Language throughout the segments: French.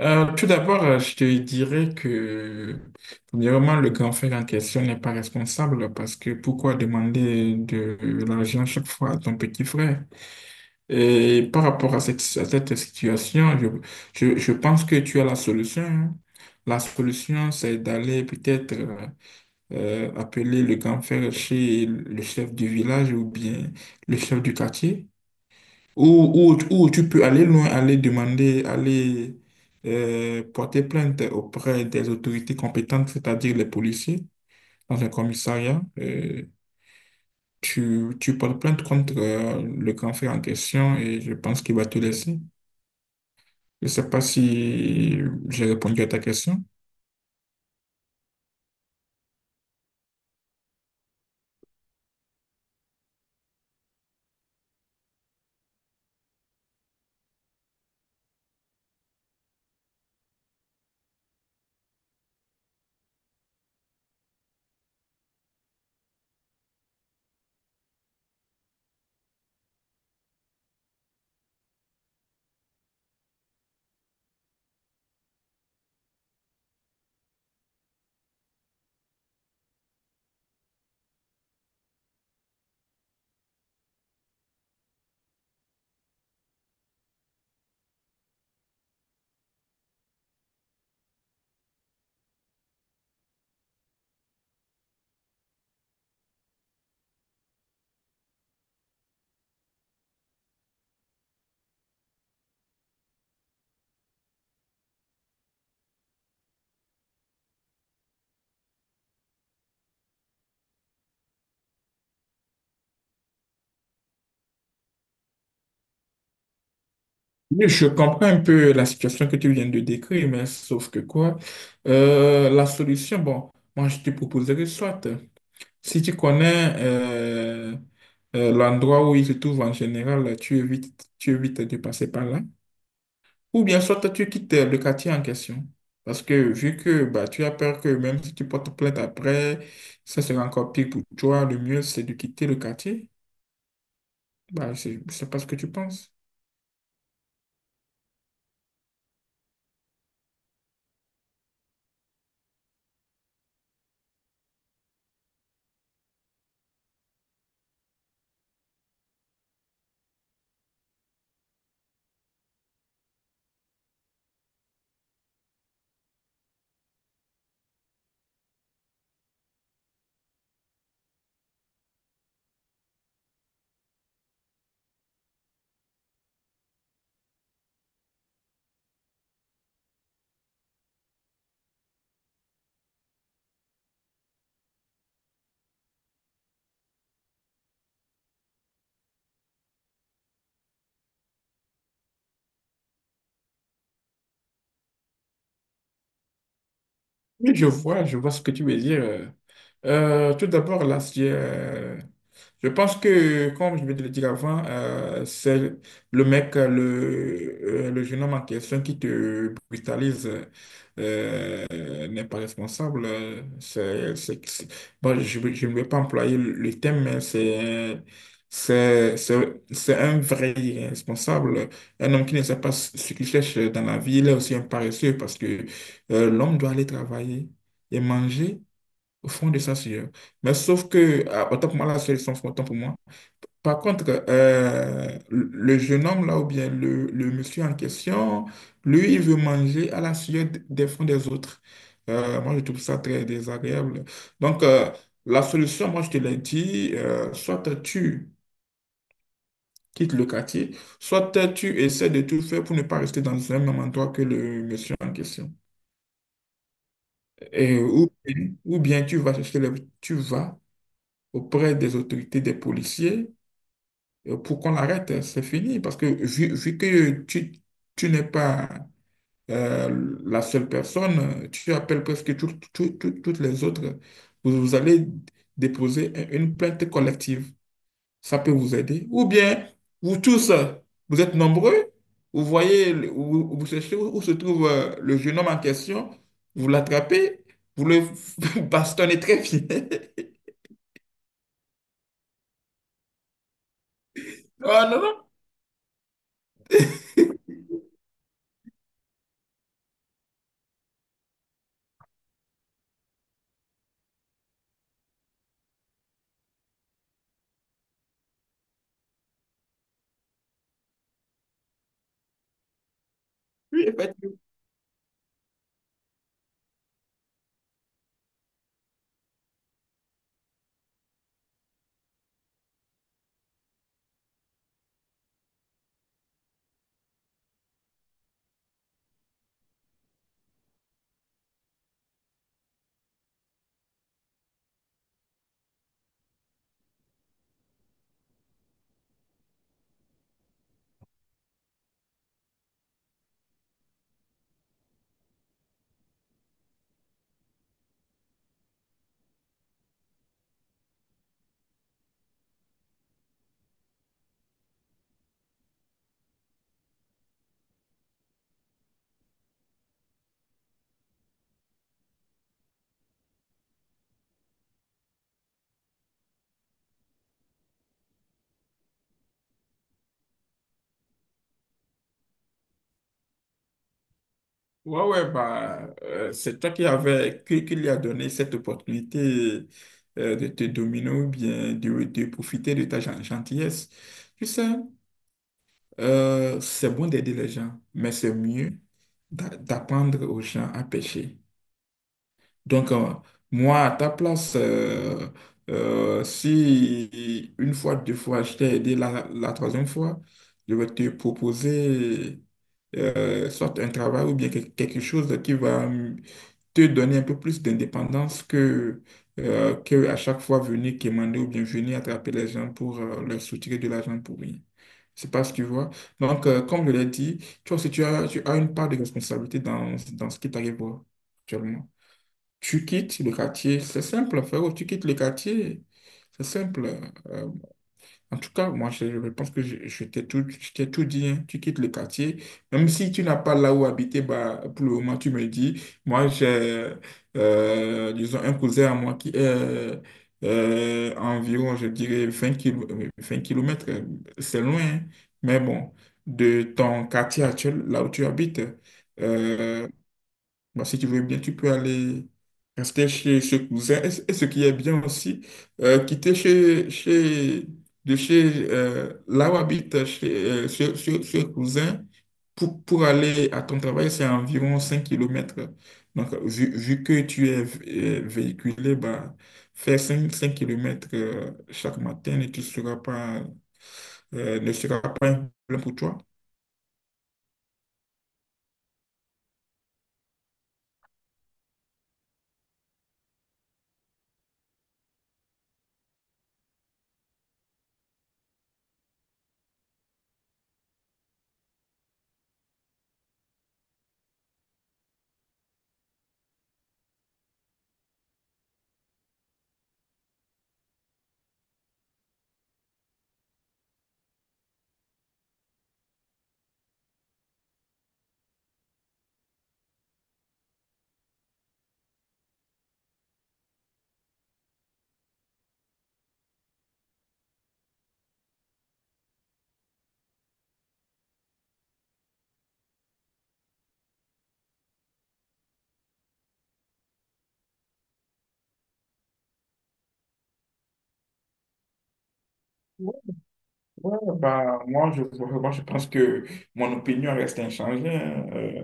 Tout d'abord, je te dirais que, premièrement, le grand frère en question n'est pas responsable, parce que pourquoi demander de l'argent chaque fois à ton petit frère? Et par rapport à cette situation, je pense que tu as la solution. Hein. La solution, c'est d'aller peut-être, appeler le grand frère chez le chef du village ou bien le chef du quartier, ou tu peux aller loin, aller demander, aller porter plainte auprès des autorités compétentes, c'est-à-dire les policiers, dans un commissariat. Tu portes plainte contre, le grand frère en question, et je pense qu'il va te laisser. Je ne sais pas si j'ai répondu à ta question. Oui, je comprends un peu la situation que tu viens de décrire, mais sauf que quoi, la solution, bon, moi je te proposerais soit. Si tu connais, l'endroit où il se trouve en général, tu évites de passer par là. Ou bien soit tu quittes le quartier en question. Parce que vu que bah, tu as peur que même si tu portes plainte après, ça sera encore pire pour toi, le mieux c'est de quitter le quartier. Bah, je ne sais pas ce que tu penses. Oui, je vois ce que tu veux dire. Tout d'abord, là, je pense que, comme je vais te le dire avant, c'est le jeune homme en question qui te brutalise n'est pas responsable. Bon, je ne vais pas employer le terme, mais c'est un vrai irresponsable. Un homme qui ne sait pas ce qu'il cherche dans la vie, il est aussi un paresseux, parce que l'homme doit aller travailler et manger. Au fond de sa sueur. Mais sauf que, autant pour moi, la sueur est sans fond, autant pour moi. Par contre, le jeune homme là, ou bien le monsieur en question, lui, il veut manger à la sueur des fonds des autres. Moi, je trouve ça très désagréable. Donc, la solution, moi, je te l'ai dit, soit tu quittes le quartier, soit tu essaies de tout faire pour ne pas rester dans un même endroit que le monsieur en question. Ou bien tu vas chercher le, tu vas auprès des autorités, des policiers, pour qu'on l'arrête. Hein, c'est fini. Parce que vu que tu n'es pas, la seule personne, tu appelles presque toutes les autres. Vous, vous allez déposer une plainte collective. Ça peut vous aider. Ou bien, vous tous, vous êtes nombreux, vous voyez, vous cherchez où se trouve le jeune homme en question, vous l'attrapez, vous le bastonnez très bien. Oh non, non, oui, effectivement. Ouais, ouais, bah, c'est toi qui avais, qui lui a donné cette opportunité, de te dominer ou bien de profiter de ta gentillesse. Tu sais, c'est bon d'aider les gens, mais c'est mieux d'apprendre aux gens à pêcher. Donc, moi, à ta place, si une fois, deux fois, je t'ai aidé, la troisième fois, je vais te proposer, soit un travail ou bien quelque chose qui va, te donner un peu plus d'indépendance que à chaque fois venir quémander, ou bien venir attraper les gens pour leur soutirer de l'argent pour rien. C'est pas ce que tu vois. Donc, comme je l'ai dit, toi aussi, tu as une part de responsabilité dans ce qui t'arrive actuellement. Tu quittes le quartier, c'est simple, frérot, tu quittes le quartier, c'est simple. Euh, En tout cas, moi, je pense que je t'ai tout dit, hein. Tu quittes le quartier. Même si tu n'as pas là où habiter, bah, pour le moment, tu me dis, moi, j'ai, disons, un cousin à moi qui est, environ, je dirais, 20 km, c'est loin, hein. Mais bon, de ton quartier actuel, là où tu habites. euh, Bon, si tu veux bien, tu peux aller rester chez ce cousin. Et ce qui est bien aussi, quitter de chez, là où habite, ce cousin pour aller à ton travail, c'est environ 5 km. Donc, vu que tu es, véhiculé, bah, faire cinq kilomètres chaque matin, et tu seras pas, ne sera pas un problème pour toi. Ouais, ouais, bah, moi, je pense que mon opinion reste inchangée. Hein.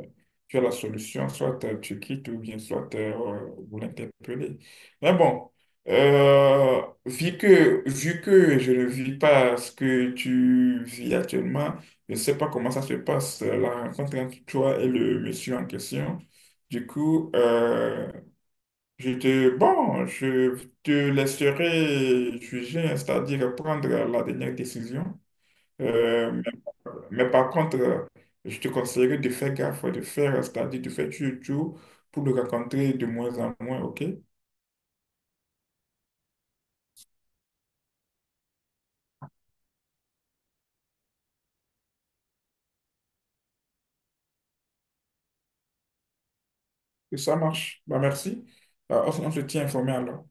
Tu as la solution, soit, tu quittes, ou bien soit, vous l'interpellez. Mais bon, euh, vu que je ne vis pas ce que tu vis actuellement, je ne sais pas comment ça se passe, la rencontre entre toi et le monsieur en question. Du coup, bon, je te laisserai juger, c'est-à-dire prendre la dernière décision. Euh, mais, mais par contre, je te conseillerais de faire gaffe, c'est-à-dire de faire toujours tout pour le rencontrer de moins en moins, ok? Et ça marche. Bah, merci. Bah, on se tient informé alors.